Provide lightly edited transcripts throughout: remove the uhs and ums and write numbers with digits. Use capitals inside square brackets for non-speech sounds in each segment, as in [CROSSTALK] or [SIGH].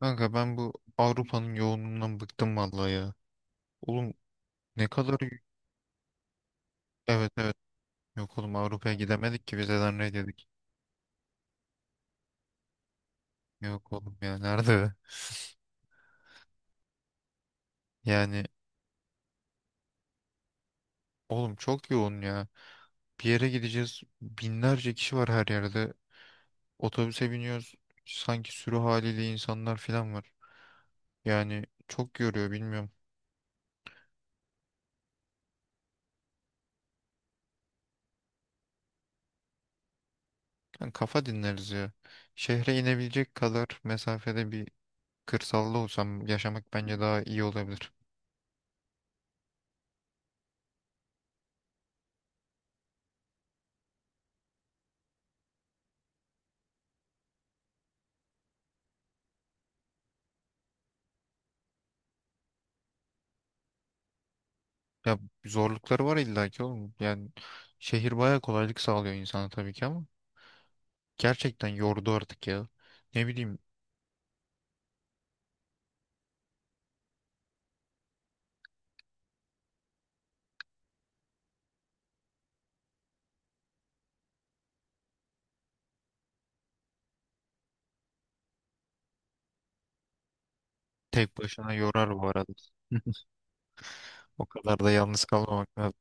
Kanka ben bu Avrupa'nın yoğunluğundan bıktım vallahi ya. Oğlum, ne kadar y- evet, evet. Yok oğlum, Avrupa'ya gidemedik ki vizeden reddedik. Yok oğlum ya, nerede? Yani oğlum, çok yoğun ya. Bir yere gideceğiz, binlerce kişi var her yerde. Otobüse biniyoruz, sanki sürü haliyle insanlar falan var. Yani çok yoruyor, bilmiyorum. Yani kafa dinleriz ya. Şehre inebilecek kadar mesafede bir kırsalda olsam yaşamak bence daha iyi olabilir. Ya zorlukları var illaki oğlum. Yani şehir bayağı kolaylık sağlıyor insana tabii ki, ama gerçekten yordu artık ya. Ne bileyim, tek başına yorar bu arada. [LAUGHS] O kadar da yalnız kalmamak lazım.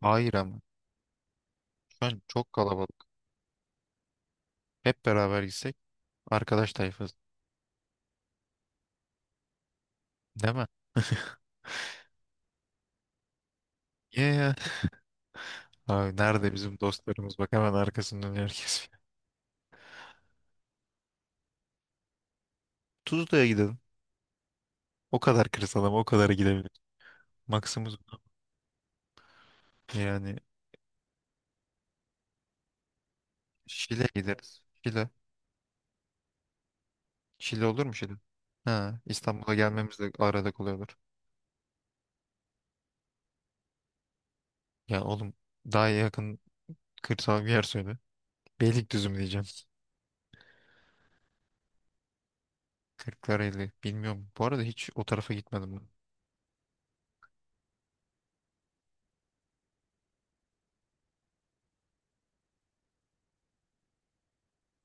Hayır ama şu an çok kalabalık. Hep beraber gitsek, arkadaş tayfası, değil mi? Yeah. Abi nerede bizim dostlarımız, bak hemen arkasından herkes. [LAUGHS] Tuzla'ya gidelim. O kadar kırsal ama o kadar gidebiliriz. Maksimum yani. Şile gideriz, Şile. Şili olur mu Şili? Ha, İstanbul'a gelmemiz de arada kolay olur. Ya oğlum, daha yakın kırsal bir yer söyle. Beylikdüzü mü diyeceğim? Kırklareli bilmiyorum. Bu arada hiç o tarafa gitmedim ben.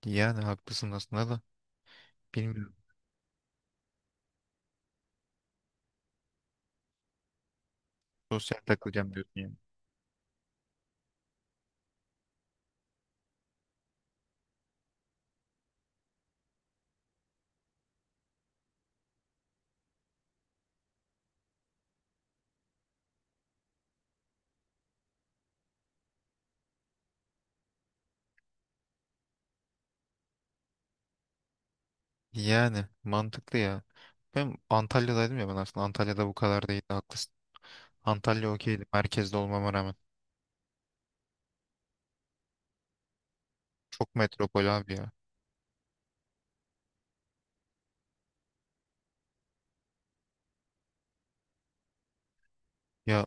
Yani haklısın aslında da, bilmiyorum. Sosyal takılacağım diyorsun yani. Yani mantıklı ya. Ben Antalya'daydım ya, ben aslında Antalya'da bu kadar değildi, haklısın. Antalya okeydi merkezde olmama rağmen. Çok metropol abi ya. Ya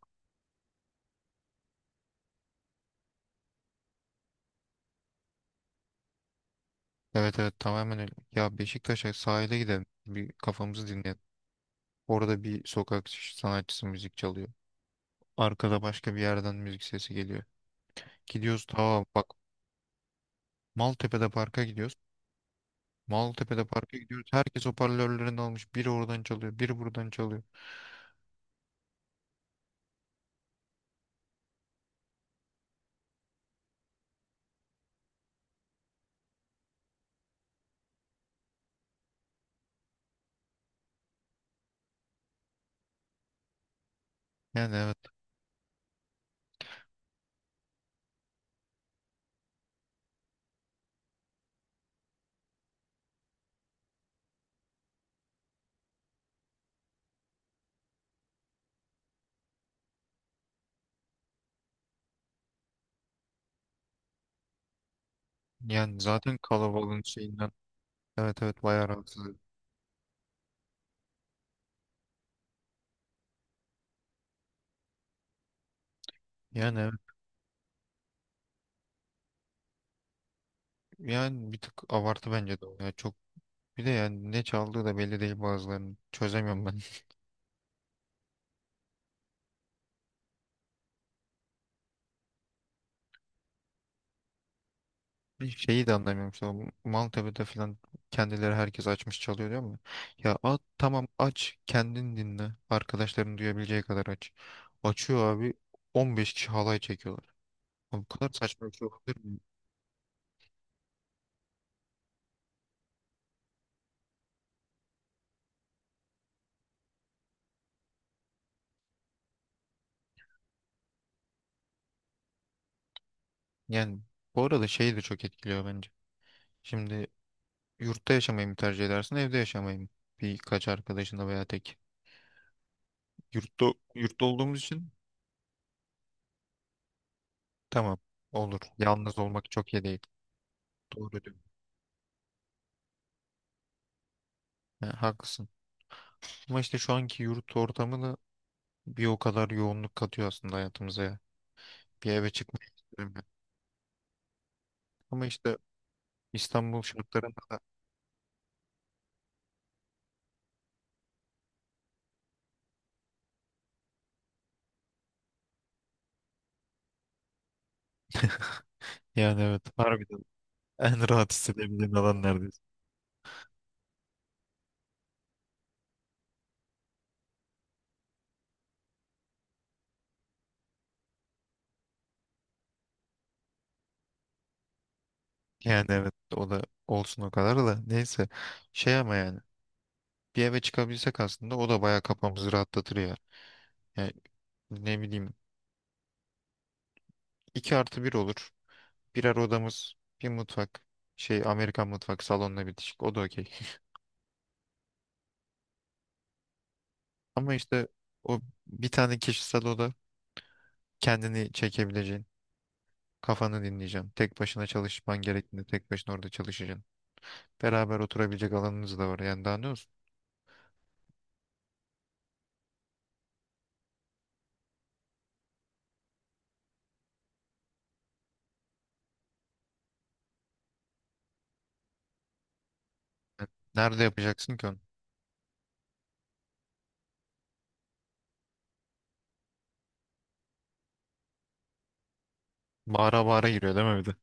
evet, evet, tamamen öyle. Ya Beşiktaş'a sahile gidelim. Bir kafamızı dinleyelim. Orada bir sokak sanatçısı müzik çalıyor. Arkada başka bir yerden müzik sesi geliyor. Gidiyoruz ta bak, Maltepe'de parka gidiyoruz. Maltepe'de parka gidiyoruz. Herkes hoparlörlerini almış. Biri oradan çalıyor, biri buradan çalıyor. Yani evet. Yani zaten kalabalığın şeyinden. Evet, evet, bayağı rahatsız edici. Yani evet. Yani bir tık abartı bence de o. Ya çok, bir de yani ne çaldığı da belli değil bazılarının. Çözemiyorum ben. Bir şeyi de anlamıyorum, işte o Maltepe'de falan kendileri herkes açmış çalıyor, diyor mu? Ya at tamam, aç kendin dinle. Arkadaşların duyabileceği kadar aç. Açıyor abi, 15 kişi halay çekiyorlar. Abi, bu kadar saçma bir şey olabilir mi? Yani bu arada şeyi de çok etkiliyor bence. Şimdi, yurtta yaşamayı mı tercih edersin, evde yaşamayı mı? Birkaç arkadaşınla veya tek. Yurtta, yurtta olduğumuz için tamam, olur. Yalnız olmak çok iyi değil. Doğru diyorsun. Ha, haklısın. Ama işte şu anki yurt ortamı da bir o kadar yoğunluk katıyor aslında hayatımıza ya. Bir eve çıkmayı istiyorum ya. Ama işte İstanbul şartlarında da yani evet, harbiden [LAUGHS] en rahat hissedebildiğin alan neredeyse. Yani evet, o da olsun, o kadar da neyse, şey ama yani bir eve çıkabilsek aslında o da bayağı kafamızı rahatlatır ya. Yani ne bileyim, 2+1 olur. Birer odamız, bir mutfak, şey Amerikan mutfak salonla bitişik, o da okey. [LAUGHS] Ama işte o, bir tane kişisel oda, kendini çekebileceğin. Kafanı dinleyeceksin. Tek başına çalışman gerektiğinde tek başına orada çalışacaksın. Beraber oturabilecek alanınız da var. Yani daha ne olsun? Yani nerede yapacaksın ki onu? Bağıra bağıra giriyor değil mi bir de?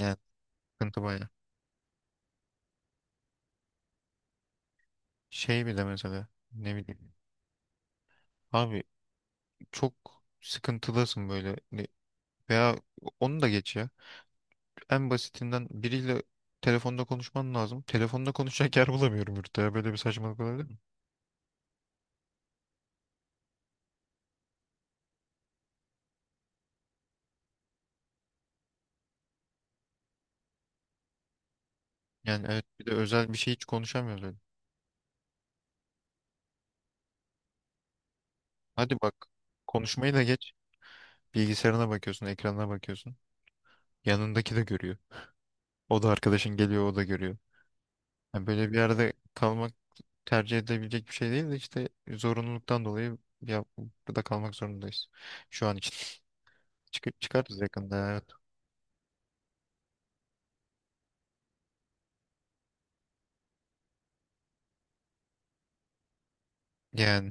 Yani sıkıntı bayağı. Şey bir de mesela, ne bileyim. Abi çok sıkıntılısın böyle. Veya onu da geç ya. En basitinden biriyle telefonda konuşman lazım. Telefonda konuşacak yer bulamıyorum yurtta ya. Böyle bir saçmalık olabilir mi? Yani evet, bir de özel bir şey hiç konuşamıyoruz öyle. Hadi bak, konuşmayı da geç. Bilgisayarına bakıyorsun, ekranına bakıyorsun. Yanındaki de görüyor. O da arkadaşın geliyor, o da görüyor. Yani böyle bir yerde kalmak tercih edebilecek bir şey değil de işte zorunluluktan dolayı ya, burada kalmak zorundayız. Şu an için. Çıkarız yakında, evet. Yani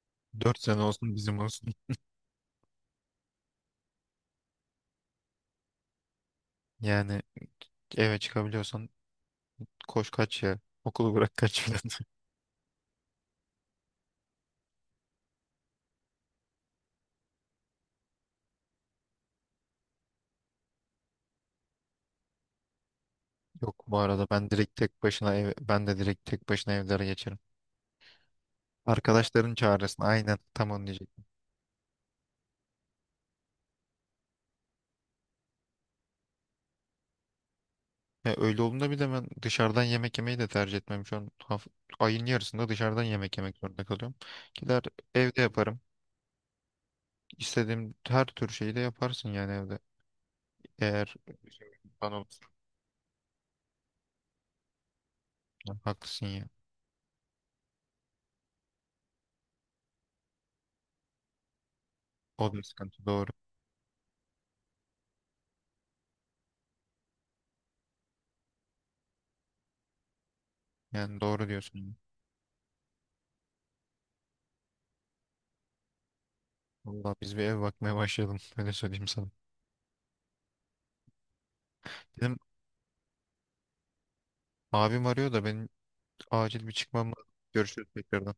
[LAUGHS] 4 sene olsun bizim olsun. Yani eve çıkabiliyorsan koş kaç ya. Okulu bırak kaç falan. [LAUGHS] Yok, bu arada ben direkt tek başına ev, ben de direkt tek başına evlere geçerim. Arkadaşların çağırırsın. Aynen, tam onu diyecektim. Ya öyle olduğunda bir de ben dışarıdan yemek yemeyi de tercih etmem. Şu an ayın yarısında dışarıdan yemek yemek zorunda kalıyorum. Gider evde yaparım. İstediğim her tür şeyi de yaparsın yani evde. Eğer imkan olursa. Ya haklısın ya. O da sıkıntı, doğru. Yani doğru diyorsun. Valla biz bir ev bakmaya başlayalım. [LAUGHS] Öyle söyleyeyim sana. Benim abim arıyor da, benim acil bir çıkmam lazım. Görüşürüz tekrardan.